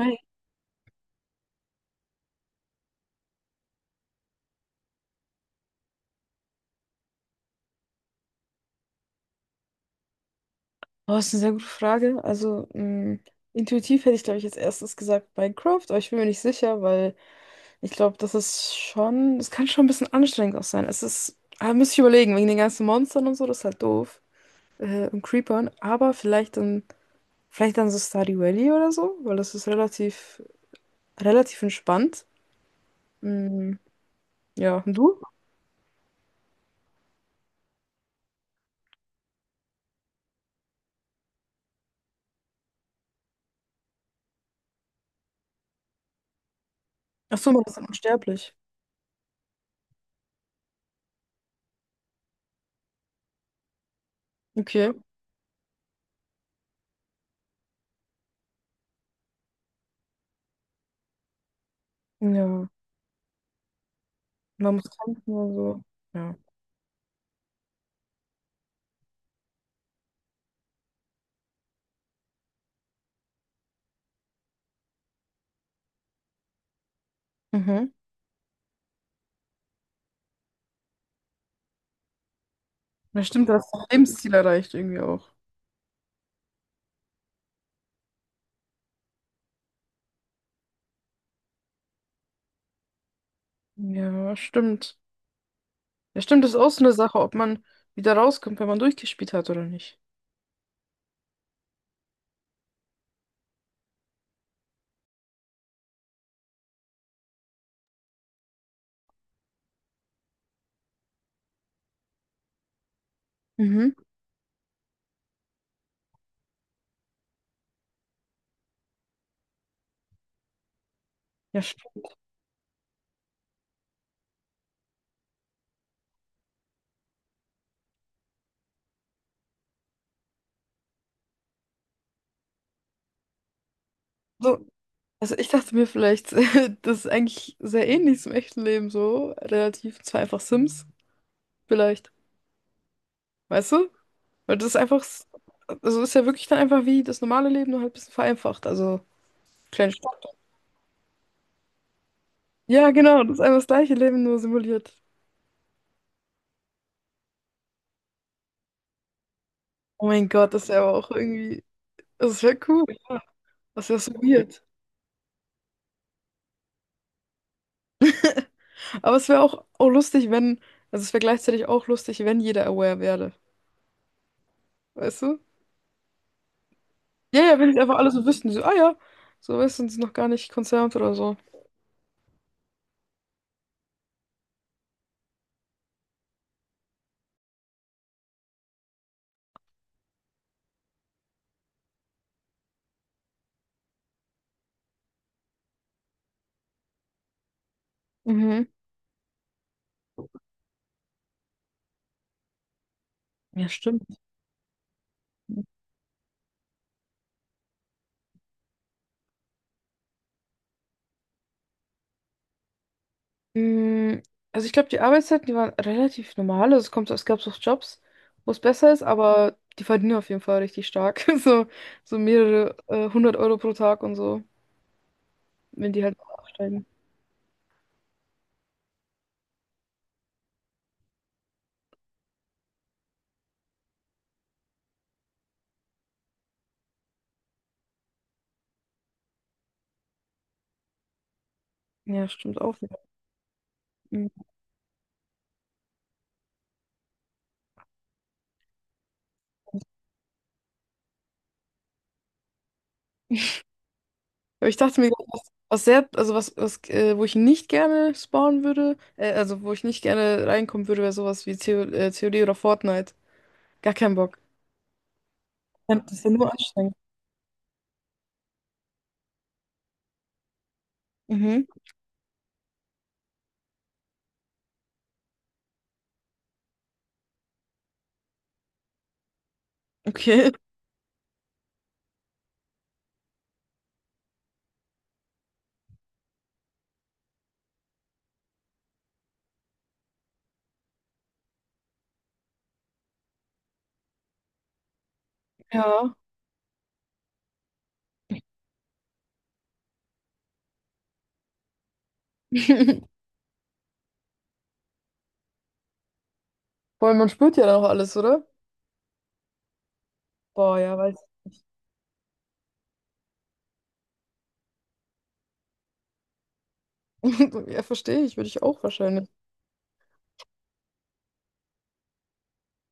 Hi. Oh, das ist eine sehr gute Frage. Also, intuitiv hätte ich, glaube ich, als erstes gesagt Minecraft, aber ich bin mir nicht sicher, weil ich glaube, das ist schon, es kann schon ein bisschen anstrengend auch sein. Es ist, müsste ich überlegen, wegen den ganzen Monstern und so, das ist halt doof. Und Creepern, aber vielleicht dann so Stardew Valley oder so, weil das ist relativ entspannt. Mm, ja, und du? Ach so, man ist unsterblich. Okay. Ja, man muss kämpfen und so. Ja. Mhm. Ja, stimmt, du hast auch Lebensziel erreicht irgendwie auch. Ja, stimmt. Ja, stimmt, das ist auch so eine Sache, ob man wieder rauskommt, wenn man durchgespielt hat oder nicht. Mhm. Ja, stimmt. So, also ich dachte mir vielleicht, das ist eigentlich sehr ähnlich zum echten Leben so, relativ, zwar einfach Sims, vielleicht. Weißt du? Weil das ist einfach, also ist ja wirklich dann einfach wie das normale Leben, nur halt ein bisschen vereinfacht. Also, kleine Stadt. Ja, genau, das ist einfach das gleiche Leben, nur simuliert. Oh mein Gott, das wäre aber auch irgendwie, das wäre cool. Ja. Das wäre so weird. Aber es wäre auch lustig, wenn, also es wäre gleichzeitig auch lustig, wenn jeder aware werde. Weißt du? Ja, ja, wenn es einfach alle so wüssten, so, ah ja, so weißt du, sind sie noch gar nicht concerned oder so. Mhm. Ja, stimmt. Mm, also ich glaube, die Arbeitszeiten, die waren relativ normal. Also es kommt, so, es gab so Jobs, wo es besser ist, aber die verdienen auf jeden Fall richtig stark. So, so mehrere 100 Euro pro Tag und so, wenn die halt aufsteigen. Ja, stimmt auch wieder. Aber ich dachte mir, was sehr, also was wo ich nicht gerne spawnen würde, also wo ich nicht gerne reinkommen würde, wäre sowas wie Theo, COD oder Fortnite. Gar keinen Bock. Ja, das ist ja nur anstrengend. Mhm, okay. Ja. Vor allem, man spürt ja dann auch alles, oder? Boah, ja, weiß. Ja, verstehe ich, würde ich auch wahrscheinlich.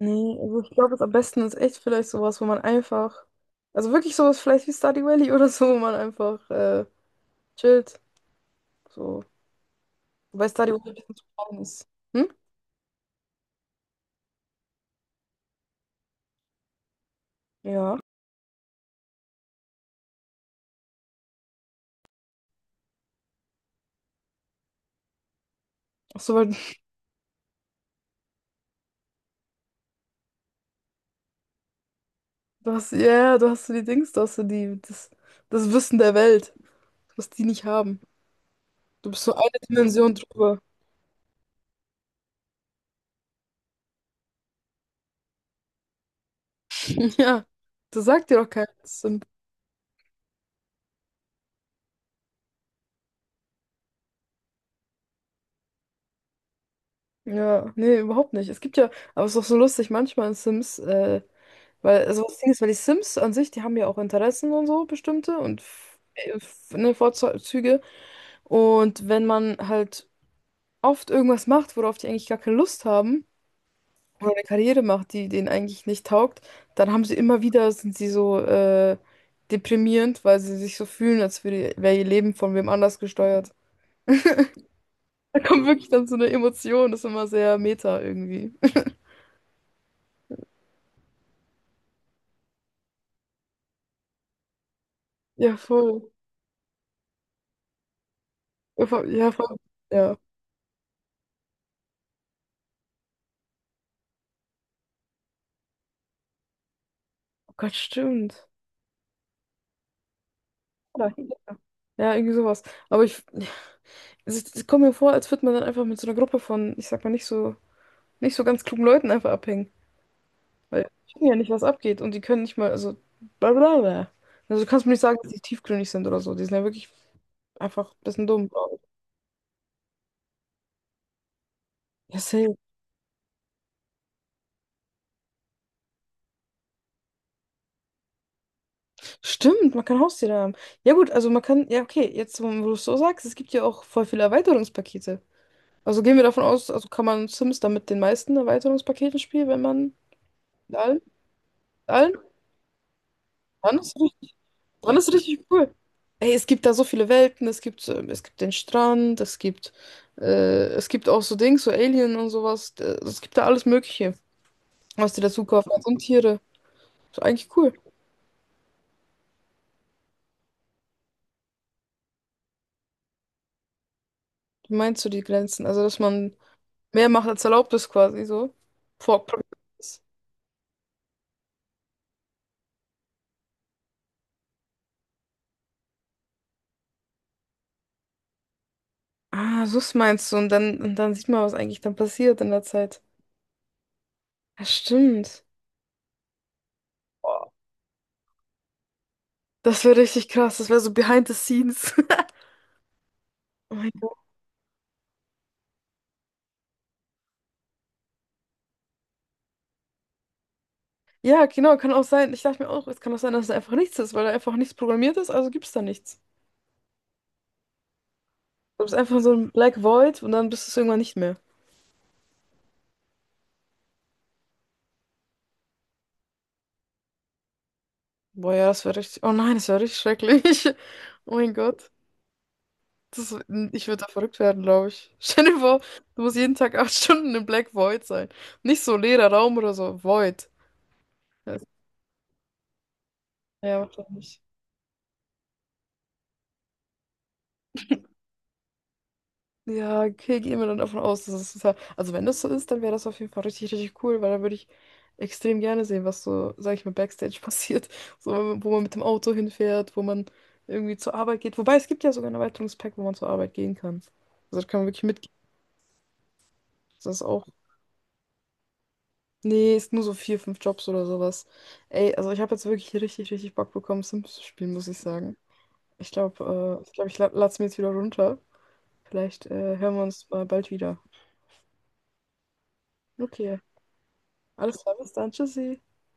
Nee, also ich glaube, am besten ist echt vielleicht sowas, wo man einfach, also wirklich sowas vielleicht wie Stardew Valley oder so, wo man einfach chillt. So. Wobei Stardew Valley ein bisschen zu klein ist. Hm? Ja. Ach so, weil du hast, ja, ja, du hast so die Dings, du hast so die, das, das Wissen der Welt, was die nicht haben. Du bist so eine Dimension drüber. Ja, das sagt dir doch keiner. Das sind- Ja, nee, überhaupt nicht. Es gibt ja, aber es ist doch so lustig manchmal in Sims, weil, also das Ding ist, weil die Sims an sich, die haben ja auch Interessen und so, bestimmte und ne, Vorzüge. Und wenn man halt oft irgendwas macht, worauf die eigentlich gar keine Lust haben, oder eine Karriere macht, die denen eigentlich nicht taugt, dann haben sie immer wieder, sind sie so deprimierend, weil sie sich so fühlen, als wäre ihr Leben von wem anders gesteuert. Da kommt wirklich dann so eine Emotion, das ist immer sehr meta irgendwie. Ja, voll. Ja, voll. Ja, voll. Ja. Oh Gott, stimmt. Ja, ja, irgendwie sowas. Aber ich, es kommt mir vor, als würde man dann einfach mit so einer Gruppe von, ich sag mal, nicht so ganz klugen Leuten einfach abhängen. Weil die wissen ja nicht, was abgeht und die können nicht mal, also blablabla. Also du kannst mir nicht sagen, dass die tiefgründig sind oder so. Die sind ja wirklich einfach ein bisschen dumm, glaube ich. Ja, safe. Stimmt, man kann Haustiere haben. Ja gut, also man kann, ja okay, jetzt wo du es so sagst, es gibt ja auch voll viele Erweiterungspakete. Also gehen wir davon aus, also kann man Sims dann mit den meisten Erweiterungspaketen spielen, wenn man mit allen, mit allen, dann ist richtig. Dann ist richtig cool. Ey, es gibt da so viele Welten, es gibt den Strand, äh, es gibt auch so Dings, so Alien und sowas. Es gibt da alles Mögliche, was die dazu kaufen. Und Tiere. Ist eigentlich cool. Wie meinst du die Grenzen? Also, dass man mehr macht, als erlaubt ist quasi so. Vor ah, so meinst du. Und dann sieht man, was eigentlich dann passiert in der Zeit. Ja, stimmt. Das wäre richtig krass. Das wäre so behind the scenes. Oh mein Gott. Ja, genau, kann auch sein. Ich dachte mir auch, es kann auch sein, dass es einfach nichts ist, weil da einfach nichts programmiert ist, also gibt es da nichts. Du bist einfach so ein Black Void und dann bist du es irgendwann nicht mehr. Boah, ja, das wäre richtig. Oh nein, das wäre richtig schrecklich. Oh mein Gott. Das, ich würde da verrückt werden, glaube ich. Stell dir vor, du musst jeden Tag 8 Stunden im Black Void sein. Nicht so leerer Raum oder so. Void. Ja, ja, wahrscheinlich. Ja, okay, gehen wir dann davon aus, dass es total. Also, wenn das so ist, dann wäre das auf jeden Fall richtig, richtig cool, weil dann würde ich extrem gerne sehen, was so, sag ich mal, Backstage passiert. So, wo man mit dem Auto hinfährt, wo man irgendwie zur Arbeit geht. Wobei es gibt ja sogar ein Erweiterungspack, wo man zur Arbeit gehen kann. Also, da kann man wirklich mitgehen. Das ist auch. Nee, ist nur so vier, fünf Jobs oder sowas. Ey, also, ich habe jetzt wirklich richtig, richtig Bock bekommen, Sims zu spielen, muss ich sagen. Ich glaube, ich la lade es mir jetzt wieder runter. Vielleicht hören wir uns mal bald wieder. Okay, alles klar, bis dann. Tschüssi.